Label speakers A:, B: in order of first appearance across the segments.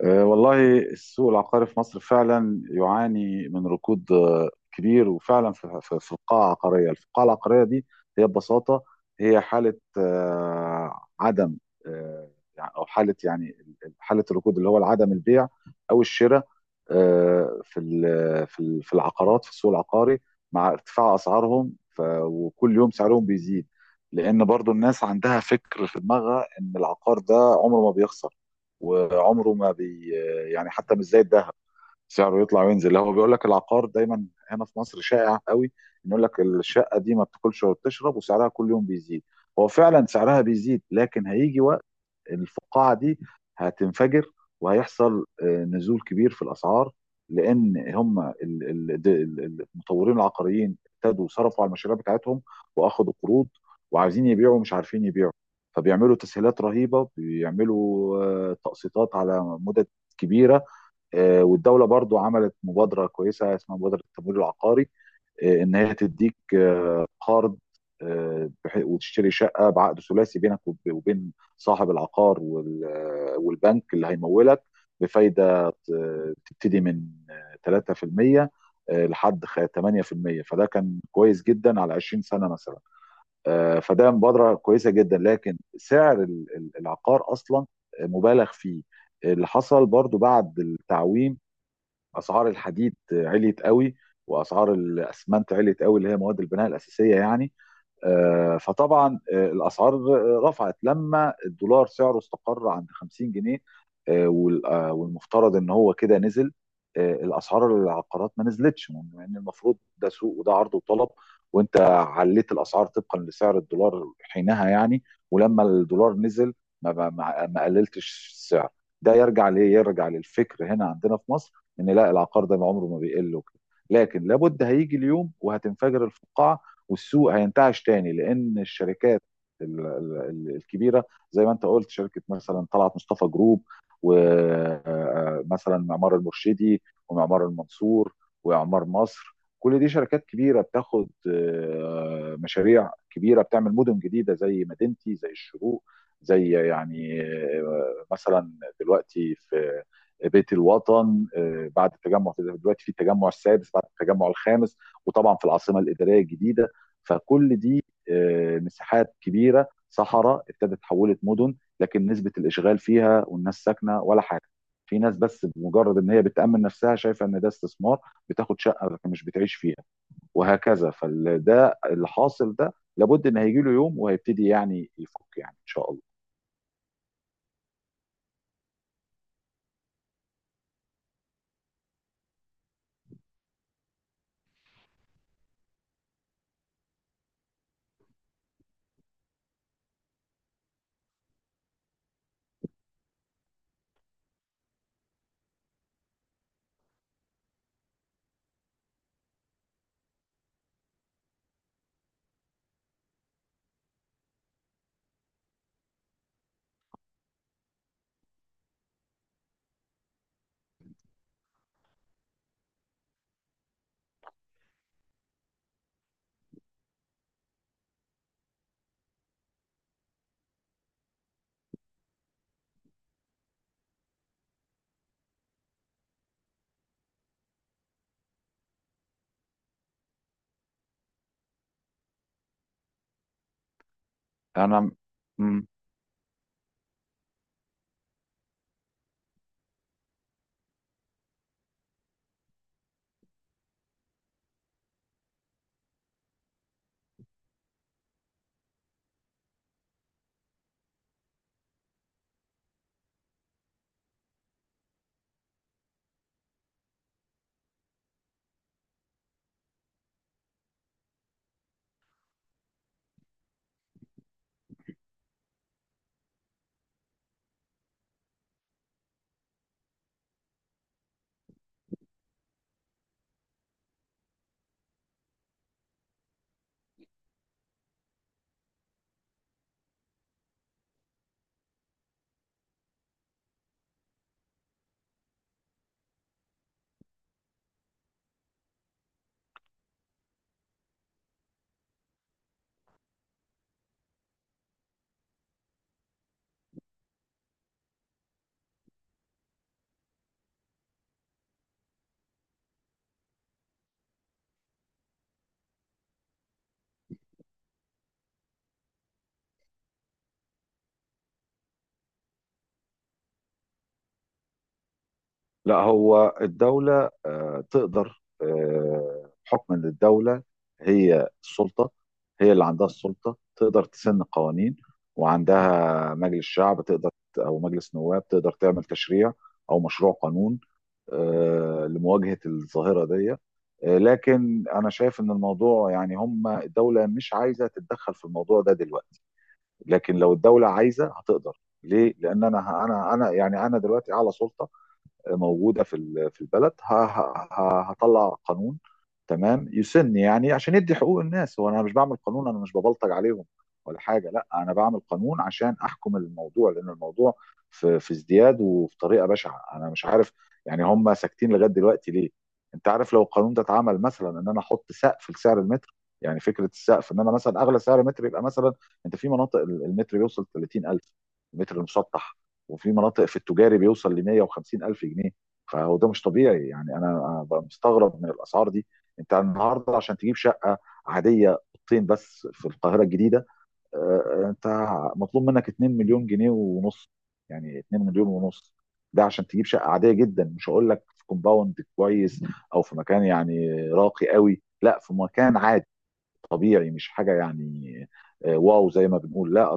A: والله السوق العقاري في مصر فعلا يعاني من ركود كبير، وفعلا في القاعة العقارية. القاعة العقارية دي هي ببساطة، هي حالة عدم، أه، أو حالة يعني حالة الركود اللي هو عدم البيع أو الشراء في العقارات في السوق العقاري، مع ارتفاع أسعارهم. وكل يوم سعرهم بيزيد، لأن برضو الناس عندها فكر في دماغها إن العقار ده عمره ما بيخسر. وعمره ما بي يعني حتى مش زي الذهب سعره يطلع وينزل، هو بيقول لك العقار دايما. هنا في مصر شائع قوي انه يقول لك الشقه دي ما بتاكلش ولا بتشرب وسعرها كل يوم بيزيد. هو فعلا سعرها بيزيد، لكن هيجي وقت الفقاعه دي هتنفجر وهيحصل نزول كبير في الاسعار، لان هم المطورين العقاريين ابتدوا صرفوا على المشاريع بتاعتهم، واخدوا قروض، وعايزين يبيعوا مش عارفين يبيعوا، فبيعملوا تسهيلات رهيبه، بيعملوا تقسيطات على مدد كبيره. والدوله برضو عملت مبادره كويسه اسمها مبادره التمويل العقاري، ان هي تديك قرض، وتشتري شقه بعقد ثلاثي بينك وبين صاحب العقار والبنك اللي هيمولك، بفايده تبتدي من 3% لحد 8%. فده كان كويس جدا على 20 سنه مثلا. فده مبادره كويسه جدا، لكن سعر العقار اصلا مبالغ فيه. اللي حصل برضو بعد التعويم، اسعار الحديد عليت قوي، واسعار الاسمنت عليت قوي، اللي هي مواد البناء الاساسيه يعني. فطبعا الاسعار رفعت لما الدولار سعره استقر عند 50 جنيه. والمفترض ان هو كده نزل. الاسعار، العقارات، ما نزلتش، مع ان المفروض ده سوق وده عرض وطلب، وانت عليت الاسعار طبقا لسعر الدولار حينها يعني. ولما الدولار نزل ما ما ما ما قللتش السعر. ده يرجع ليه؟ يرجع للفكر هنا عندنا في مصر ان لا، العقار ده عمره ما بيقل وكده. لكن لابد هيجي اليوم وهتنفجر الفقاعه والسوق هينتعش تاني، لان الشركات الكبيره، زي ما انت قلت، شركه مثلا طلعت مصطفى جروب، ومثلا معمار المرشدي، ومعمار المنصور، واعمار مصر، كل دي شركات كبيره بتاخد مشاريع كبيره، بتعمل مدن جديده زي مدينتي، زي الشروق، زي يعني مثلا دلوقتي في بيت الوطن. بعد التجمع، دلوقتي في التجمع السادس بعد التجمع الخامس، وطبعا في العاصمه الاداريه الجديده. فكل دي مساحات كبيره صحراء ابتدت تحولت مدن. لكن نسبه الاشغال فيها والناس ساكنه ولا حاجه، في ناس بس بمجرد ان هي بتامن نفسها شايفه ان ده استثمار، بتاخد شقه لكن مش بتعيش فيها، وهكذا. فده اللي حاصل، ده لابد ان هيجي له يوم وهيبتدي يعني يفك يعني ان شاء الله. انا لا، هو الدولة تقدر. حكما للدولة، هي السلطة، هي اللي عندها السلطة تقدر تسن قوانين، وعندها مجلس شعب تقدر، أو مجلس نواب تقدر تعمل تشريع أو مشروع قانون لمواجهة الظاهرة دي. لكن أنا شايف إن الموضوع يعني هم الدولة مش عايزة تتدخل في الموضوع ده دلوقتي، لكن لو الدولة عايزة هتقدر. ليه؟ لأن أنا أنا أنا يعني أنا دلوقتي أعلى سلطة موجوده في في البلد، هطلع قانون تمام يسن، يعني عشان يدي حقوق الناس. هو انا مش بعمل قانون، انا مش ببلطج عليهم ولا حاجه، لا، انا بعمل قانون عشان احكم الموضوع، لان الموضوع في في ازدياد وفي طريقه بشعه. انا مش عارف يعني هم ساكتين لغايه دلوقتي ليه. انت عارف لو القانون ده اتعمل مثلا ان انا احط سقف لسعر المتر، يعني فكره السقف ان انا مثلا اغلى سعر متر يبقى مثلا، انت في مناطق المتر بيوصل 30,000، المتر المسطح، وفي مناطق في التجاري بيوصل ل 150 الف جنيه. فهو ده مش طبيعي يعني، انا بقى مستغرب من الاسعار دي. انت النهارده عشان تجيب شقه عاديه، اوضتين بس، في القاهره الجديده، انت مطلوب منك 2 مليون جنيه ونص، يعني 2 مليون ونص، ده عشان تجيب شقه عاديه جدا، مش هقول لك في كومباوند كويس او في مكان يعني راقي قوي، لا في مكان عادي طبيعي مش حاجه يعني. واو زي ما بنقول، لا.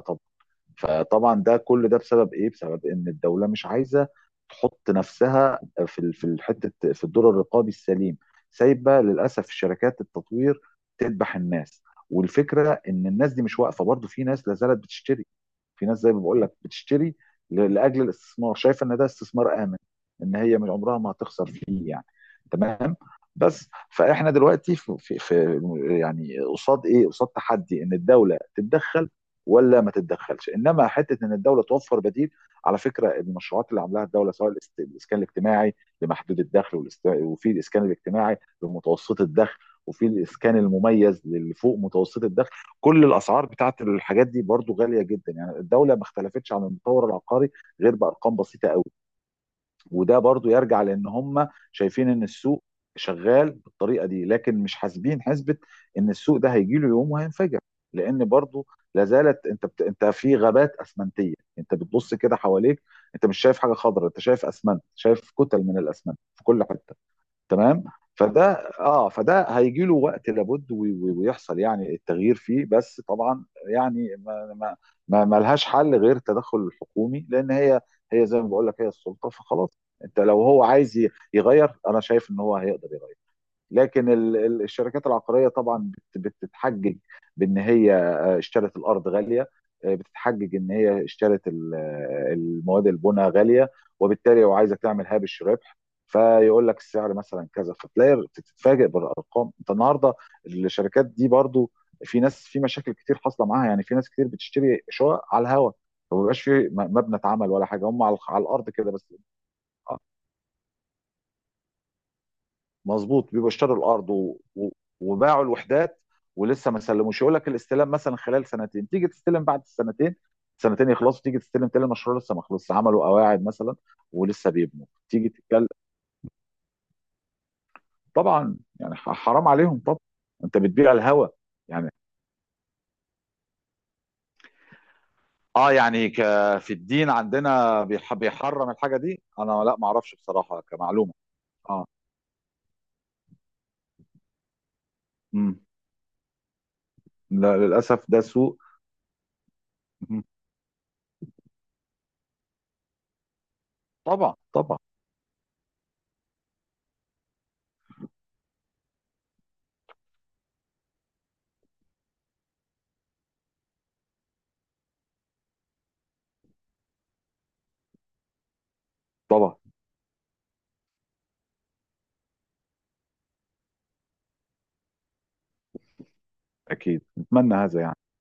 A: فطبعا ده كل ده بسبب ايه؟ بسبب ان الدوله مش عايزه تحط نفسها في في الحته، في الدور الرقابي السليم، سايبه للاسف شركات التطوير تذبح الناس. والفكره ان الناس دي مش واقفه، برضو في ناس لا زالت بتشتري، في ناس زي ما بقول لك بتشتري لاجل الاستثمار، شايفه ان ده استثمار امن ان هي من عمرها ما هتخسر فيه يعني. تمام. بس فاحنا دلوقتي في, في, في يعني قصاد ايه؟ قصاد تحدي ان الدوله تتدخل ولا ما تتدخلش، انما حته ان الدوله توفر بديل. على فكره المشروعات اللي عاملاها الدوله سواء الاسكان الاجتماعي لمحدود الدخل، وفي الاسكان الاجتماعي لمتوسط الدخل، وفي الاسكان المميز للي فوق متوسط الدخل، كل الاسعار بتاعت الحاجات دي برضو غاليه جدا، يعني الدوله ما اختلفتش عن المطور العقاري غير بارقام بسيطه قوي. وده برضو يرجع لان هم شايفين ان السوق شغال بالطريقه دي، لكن مش حاسبين حسبه ان السوق ده هيجي له يوم وهينفجر. لان برضو لا زالت انت في غابات اسمنتيه، انت بتبص كده حواليك انت مش شايف حاجه خضراء، انت شايف اسمنت، شايف كتل من الاسمنت في كل حته. تمام. فده اه، فده هيجي له وقت لابد، ويحصل يعني التغيير فيه. بس طبعا يعني ما ما ما ما لهاش حل غير التدخل الحكومي، لان هي هي زي ما بقول لك هي السلطه فخلاص. انت لو هو عايز يغير، انا شايف ان هو هيقدر يغير. لكن الشركات العقاريه طبعا بتتحجج بان هي اشترت الارض غاليه، بتتحجج ان هي اشترت المواد البناء غاليه، وبالتالي لو عايزه تعمل هامش ربح فيقول لك السعر مثلا كذا. فتلاقي بتتفاجئ بالارقام انت النهارده. الشركات دي برضو، في ناس في مشاكل كتير حاصله معاها، يعني في ناس كتير بتشتري شقق على الهوا، ما بيبقاش في مبنى اتعمل ولا حاجه، هم على على الارض كده بس. مظبوط، بيبقوا اشتروا الارض و... و... وباعوا الوحدات ولسه ما سلموش، يقول لك الاستلام مثلا خلال سنتين تيجي تستلم بعد السنتين، سنتين يخلصوا تيجي تستلم تلاقي المشروع لسه ما خلصش عملوا قواعد مثلا ولسه بيبنوا تيجي تتكلم. طبعا يعني حرام عليهم طبعا، انت بتبيع الهوى يعني. اه يعني ك... في الدين عندنا بيحرم الحاجه دي، انا لا ما اعرفش بصراحه كمعلومه. اه. امم لا، للاسف ده سوء. مم. طبعا، طبعا، طبعا، اكيد نتمنى هذا يعني.